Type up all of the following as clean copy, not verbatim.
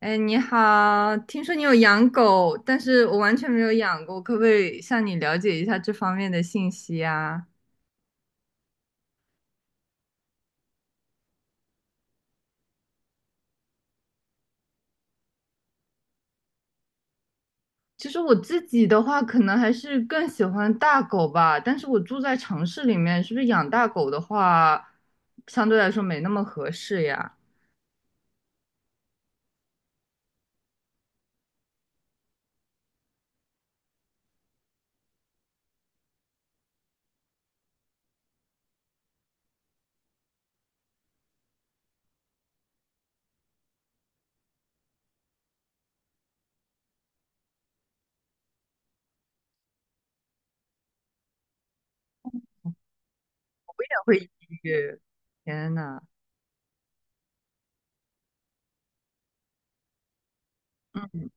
哎，你好，听说你有养狗，但是我完全没有养过，可不可以向你了解一下这方面的信息啊？其实我自己的话，可能还是更喜欢大狗吧，但是我住在城市里面，是不是养大狗的话，相对来说没那么合适呀？也会抑郁。天呐，嗯。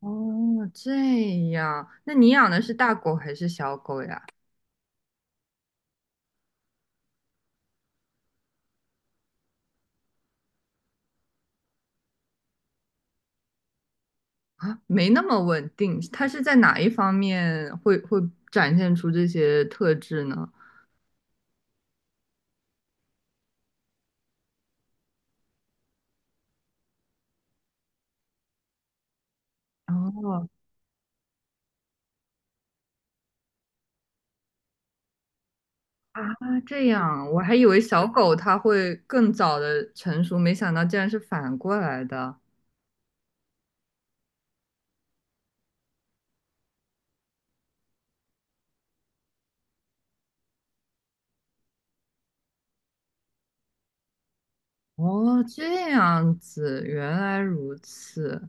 哦，这样，那你养的是大狗还是小狗呀？啊，没那么稳定，它是在哪一方面会展现出这些特质呢？哦，啊，这样，我还以为小狗它会更早的成熟，没想到竟然是反过来的。哦，这样子，原来如此。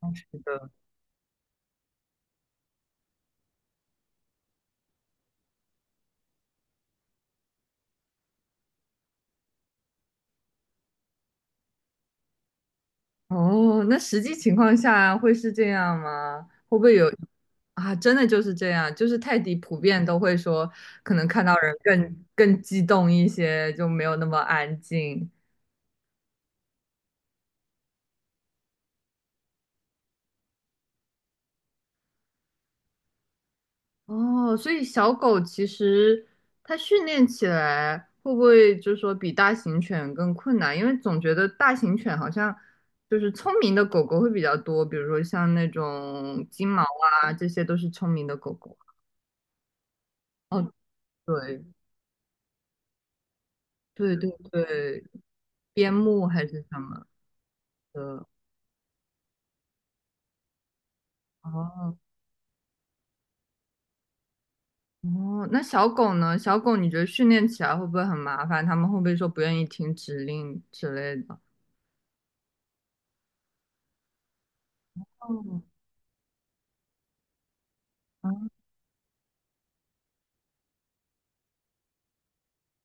哦是的。哦，那实际情况下会是这样吗？会不会有啊？真的就是这样，就是泰迪普遍都会说，可能看到人更激动一些，就没有那么安静。哦，所以小狗其实它训练起来会不会就是说比大型犬更困难？因为总觉得大型犬好像就是聪明的狗狗会比较多，比如说像那种金毛啊，这些都是聪明的狗狗。哦，对对对对，边牧还是什么的。哦哦，那小狗呢？小狗你觉得训练起来会不会很麻烦？它们会不会说不愿意听指令之类的？哦，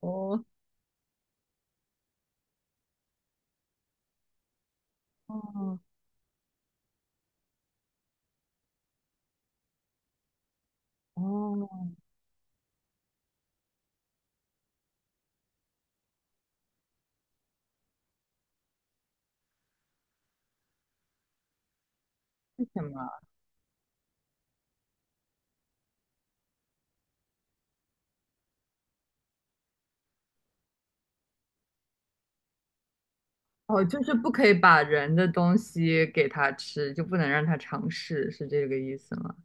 哦哦。哦，是什么？哦，就是不可以把人的东西给他吃，就不能让他尝试，是这个意思吗？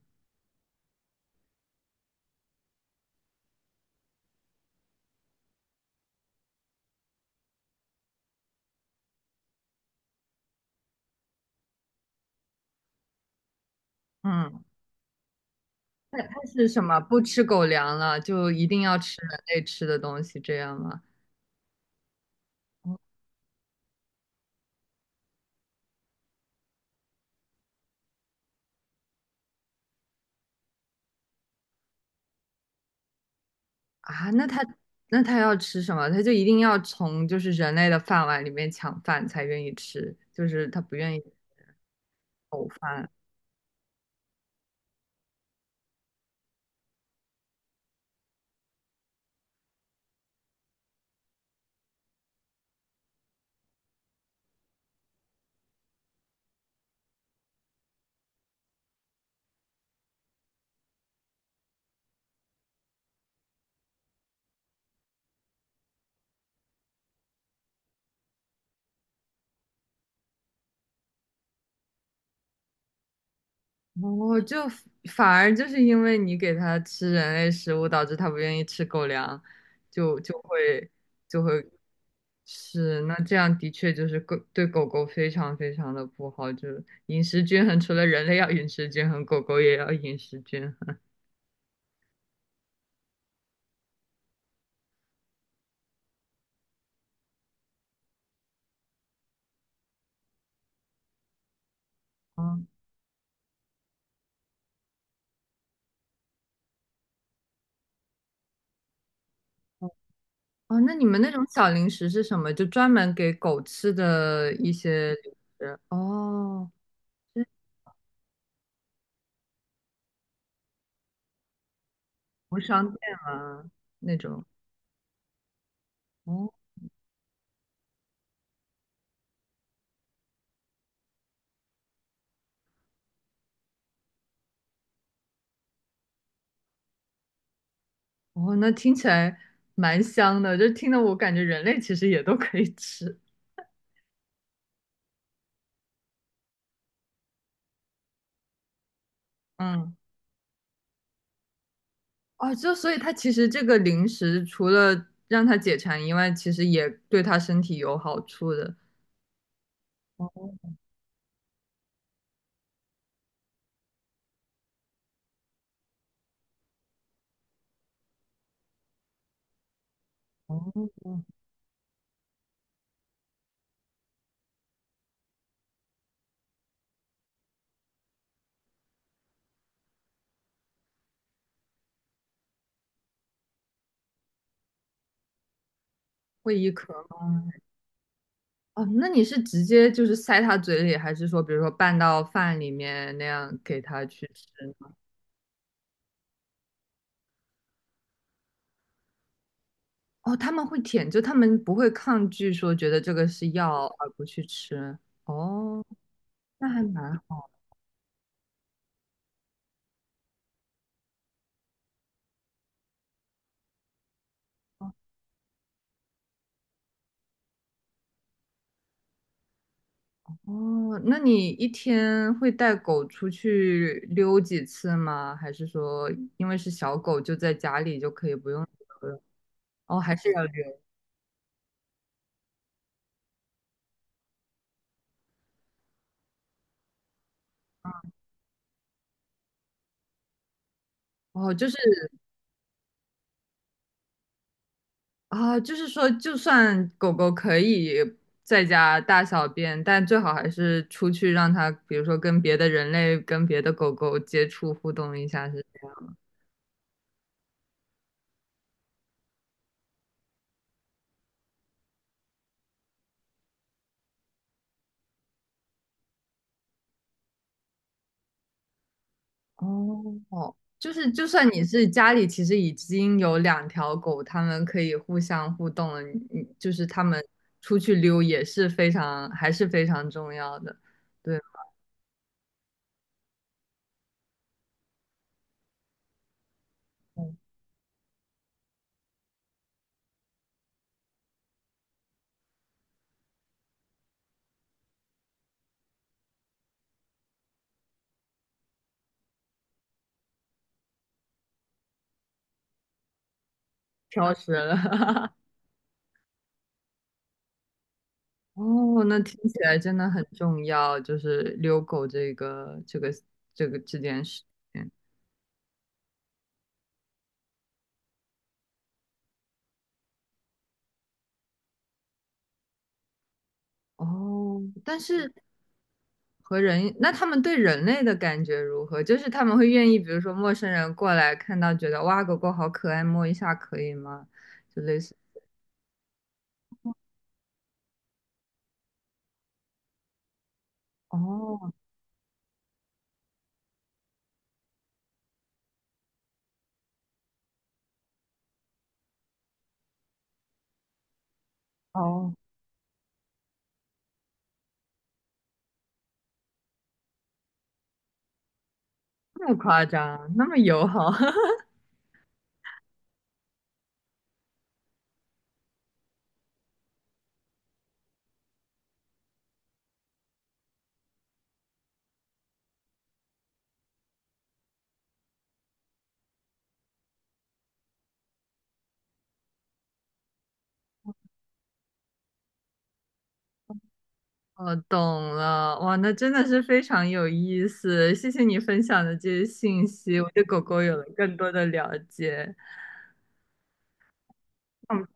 嗯，它是什么？不吃狗粮了，就一定要吃人类吃的东西，这样吗？啊，那它那它要吃什么？它就一定要从就是人类的饭碗里面抢饭才愿意吃，就是它不愿意。狗饭。哦，就反而就是因为你给它吃人类食物，导致它不愿意吃狗粮，就会就会是，那这样的确就是狗对狗狗非常非常的不好，就是饮食均衡，除了人类要饮食均衡，狗狗也要饮食均衡。哦哦，哦那你们那种小零食是什么？就专门给狗吃的一些零食？哦，是物商店啊那种？哦。哦，那听起来蛮香的，就听得我感觉人类其实也都可以吃。嗯，哦，就所以它其实这个零食除了让它解馋以外，其实也对它身体有好处的。哦哦，会一壳吗？哦，那你是直接就是塞它嘴里，还是说比如说拌到饭里面那样给它去吃呢？哦，他们会舔，就他们不会抗拒说觉得这个是药而不去吃。哦，那还蛮好。哦，那你一天会带狗出去溜几次吗？还是说，因为是小狗，就在家里就可以不用溜了？哦，还是要溜。哦，就是啊，就是说，就算狗狗可以在家大小便，但最好还是出去让它，比如说跟别的人类、跟别的狗狗接触互动一下，是这样。哦，就是就算你是家里其实已经有两条狗，它们可以互相互动了，你就是它们出去溜也是非常还是非常重要的，对，嗯挑食了，哦，那听起来真的很重要，就是遛狗这个这件事情。哦，但是和人，那他们对人类的感觉如何？就是他们会愿意，比如说陌生人过来看到，觉得哇，狗狗好可爱，摸一下可以吗？就类似，哦哦，那么夸张，那么友好，我懂了，哇，那真的是非常有意思，谢谢你分享的这些信息，我对狗狗有了更多的了解。嗯，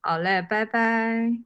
好嘞，拜拜。